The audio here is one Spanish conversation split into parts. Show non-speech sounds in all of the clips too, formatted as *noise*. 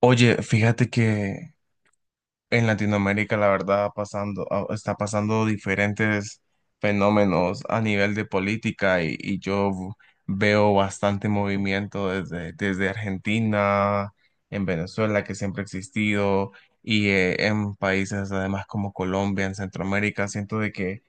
Oye, fíjate que en Latinoamérica la verdad pasando, está pasando diferentes fenómenos a nivel de política y yo veo bastante movimiento desde Argentina, en Venezuela, que siempre ha existido, y en países además como Colombia, en Centroamérica, siento de que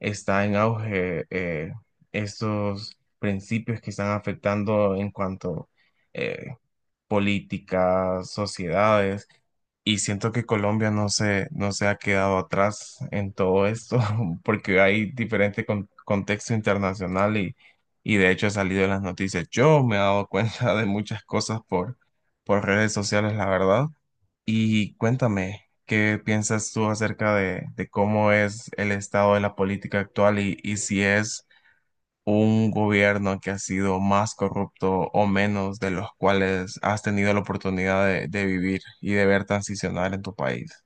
está en auge estos principios que están afectando en cuanto eh, políticas, sociedades. Y siento que Colombia no se ha quedado atrás en todo esto, *laughs* porque hay diferente contexto internacional y de hecho ha salido en las noticias. Yo me he dado *laughs* cuenta de muchas cosas por redes sociales, la verdad. Y cuéntame, ¿qué piensas tú acerca de cómo es el estado de la política actual y si es un gobierno que ha sido más corrupto o menos de los cuales has tenido la oportunidad de vivir y de ver transicionar en tu país?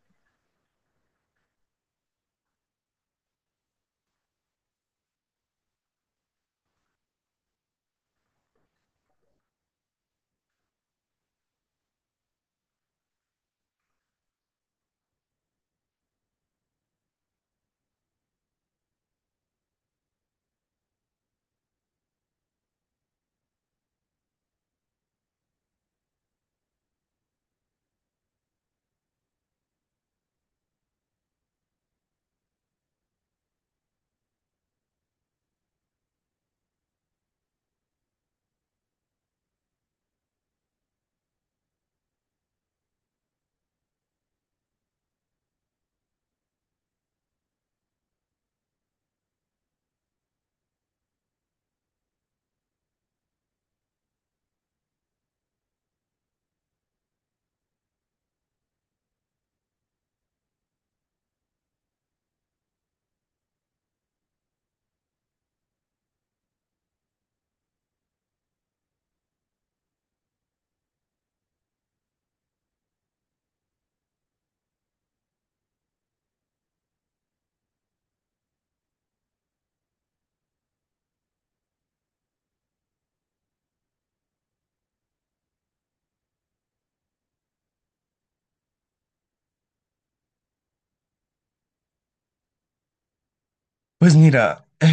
Pues mira, *sighs*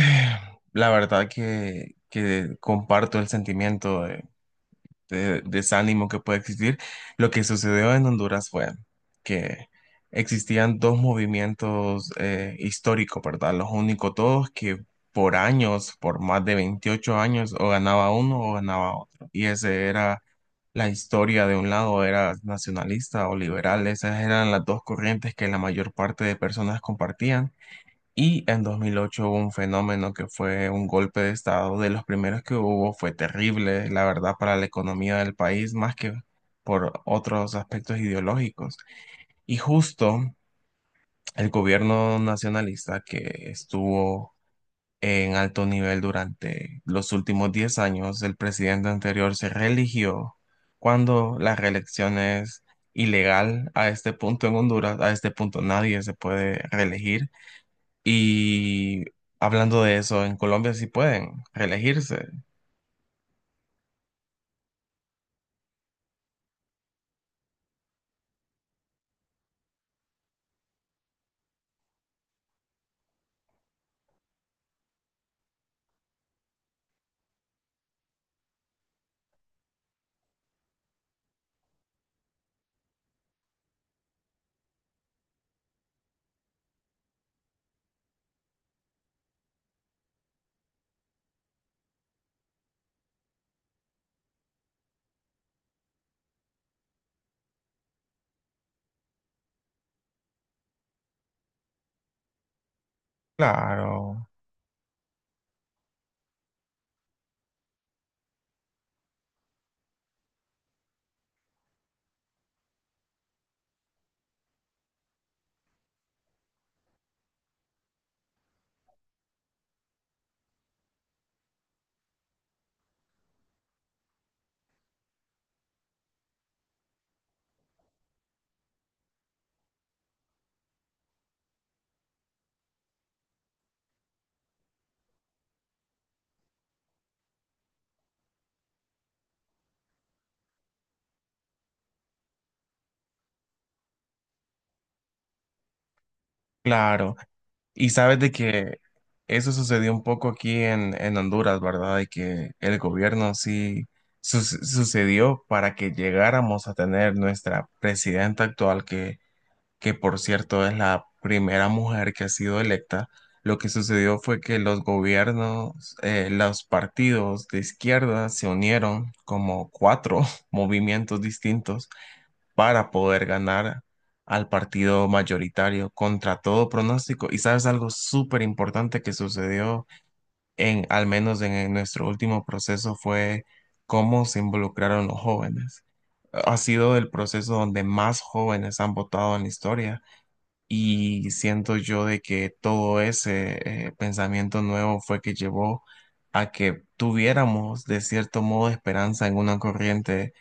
la verdad que comparto el sentimiento de desánimo que puede existir. Lo que sucedió en Honduras fue que existían dos movimientos históricos, ¿verdad? Los únicos dos que por años, por más de 28 años, o ganaba uno o ganaba otro. Y ese era la historia de un lado, era nacionalista o liberal. Esas eran las dos corrientes que la mayor parte de personas compartían. Y en 2008 hubo un fenómeno que fue un golpe de estado, de los primeros que hubo, fue terrible, la verdad, para la economía del país, más que por otros aspectos ideológicos. Y justo el gobierno nacionalista que estuvo en alto nivel durante los últimos 10 años, el presidente anterior se reeligió cuando la reelección es ilegal a este punto en Honduras, a este punto nadie se puede reelegir. Y hablando de eso, en Colombia sí pueden reelegirse. Claro, claro. Y sabes de que eso sucedió un poco aquí en Honduras, ¿verdad? De que el gobierno sí sucedió para que llegáramos a tener nuestra presidenta actual que por cierto es la primera mujer que ha sido electa, lo que sucedió fue que los gobiernos, los partidos de izquierda se unieron como cuatro *laughs* movimientos distintos para poder ganar al partido mayoritario contra todo pronóstico. Y sabes algo súper importante que sucedió en, al menos en nuestro último proceso, fue cómo se involucraron los jóvenes. Ha sido el proceso donde más jóvenes han votado en la historia y siento yo de que todo ese pensamiento nuevo fue que llevó a que tuviéramos de cierto modo esperanza en una corriente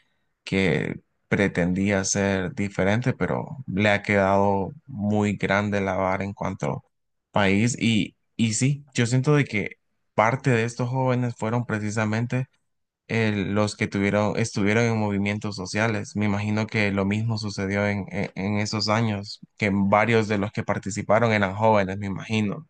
que pretendía ser diferente, pero le ha quedado muy grande la vara en cuanto país. Y sí, yo siento de que parte de estos jóvenes fueron precisamente los que tuvieron, estuvieron en movimientos sociales. Me imagino que lo mismo sucedió en, en esos años, que varios de los que participaron eran jóvenes, me imagino.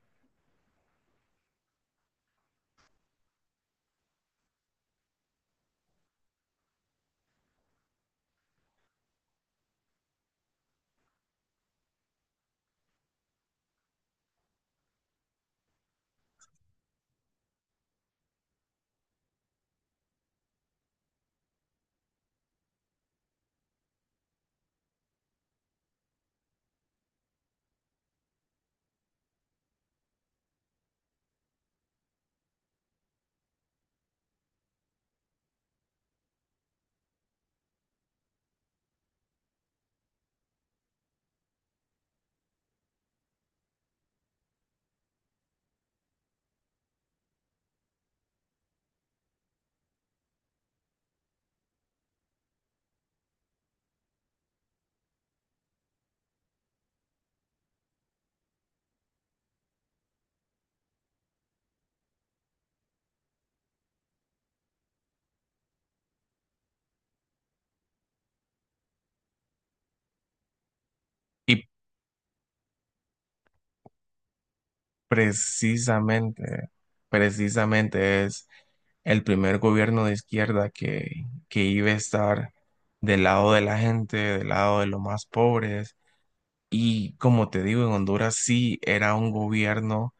Y precisamente, precisamente es el primer gobierno de izquierda que iba a estar del lado de la gente, del lado de los más pobres. Y como te digo, en Honduras sí era un gobierno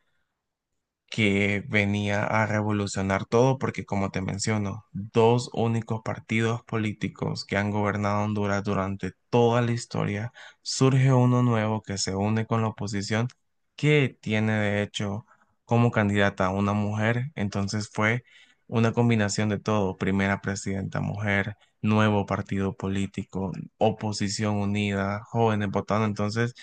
que venía a revolucionar todo, porque como te menciono, dos únicos partidos políticos que han gobernado Honduras durante toda la historia, surge uno nuevo que se une con la oposición, que tiene de hecho como candidata a una mujer, entonces fue una combinación de todo, primera presidenta mujer, nuevo partido político, oposición unida, jóvenes votando, entonces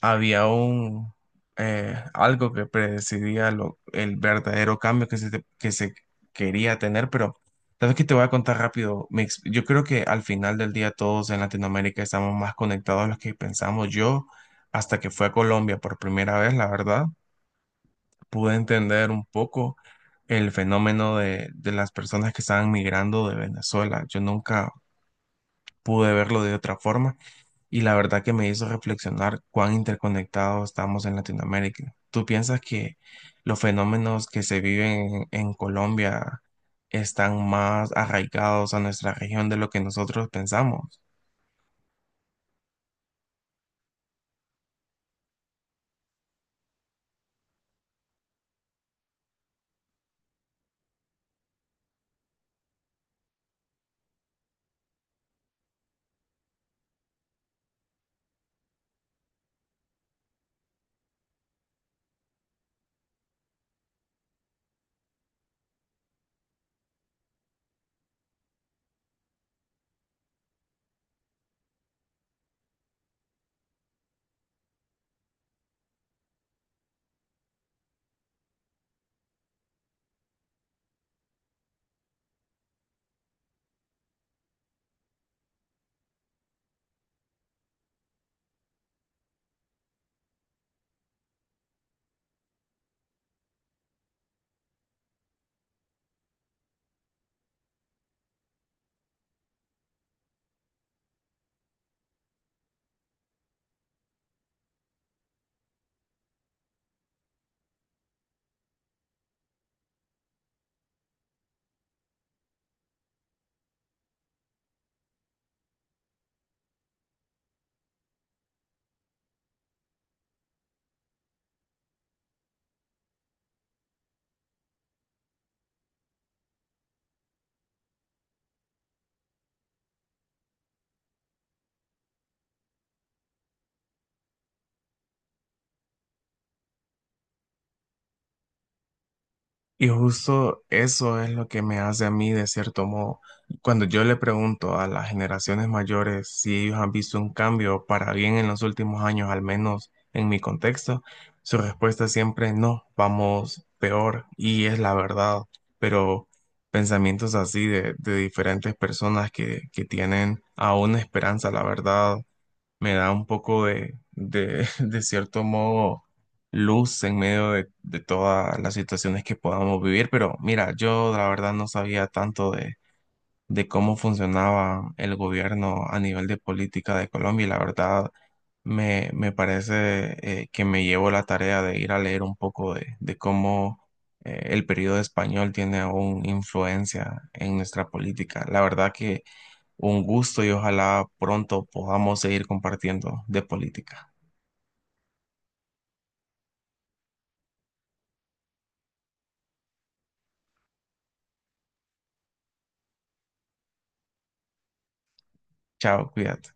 había un algo que predecidía lo, el verdadero cambio que se, que se quería tener, pero sabes que te voy a contar rápido. Yo creo que al final del día todos en Latinoamérica estamos más conectados a los que pensamos. Yo, hasta que fui a Colombia por primera vez, la verdad, pude entender un poco el fenómeno de las personas que estaban migrando de Venezuela. Yo nunca pude verlo de otra forma y la verdad que me hizo reflexionar cuán interconectados estamos en Latinoamérica. ¿Tú piensas que los fenómenos que se viven en Colombia están más arraigados a nuestra región de lo que nosotros pensamos? Y justo eso es lo que me hace a mí, de cierto modo, cuando yo le pregunto a las generaciones mayores si ellos han visto un cambio para bien en los últimos años, al menos en mi contexto, su respuesta siempre es no, vamos peor, y es la verdad, pero pensamientos así de diferentes personas que tienen aún esperanza, la verdad, me da un poco *laughs* de cierto modo, luz en medio de todas las situaciones que podamos vivir. Pero mira, yo la verdad no sabía tanto de cómo funcionaba el gobierno a nivel de política de Colombia y la verdad me parece que me llevo la tarea de ir a leer un poco de cómo el periodo español tiene aún influencia en nuestra política. La verdad que un gusto y ojalá pronto podamos seguir compartiendo de política. Chao, cuídate.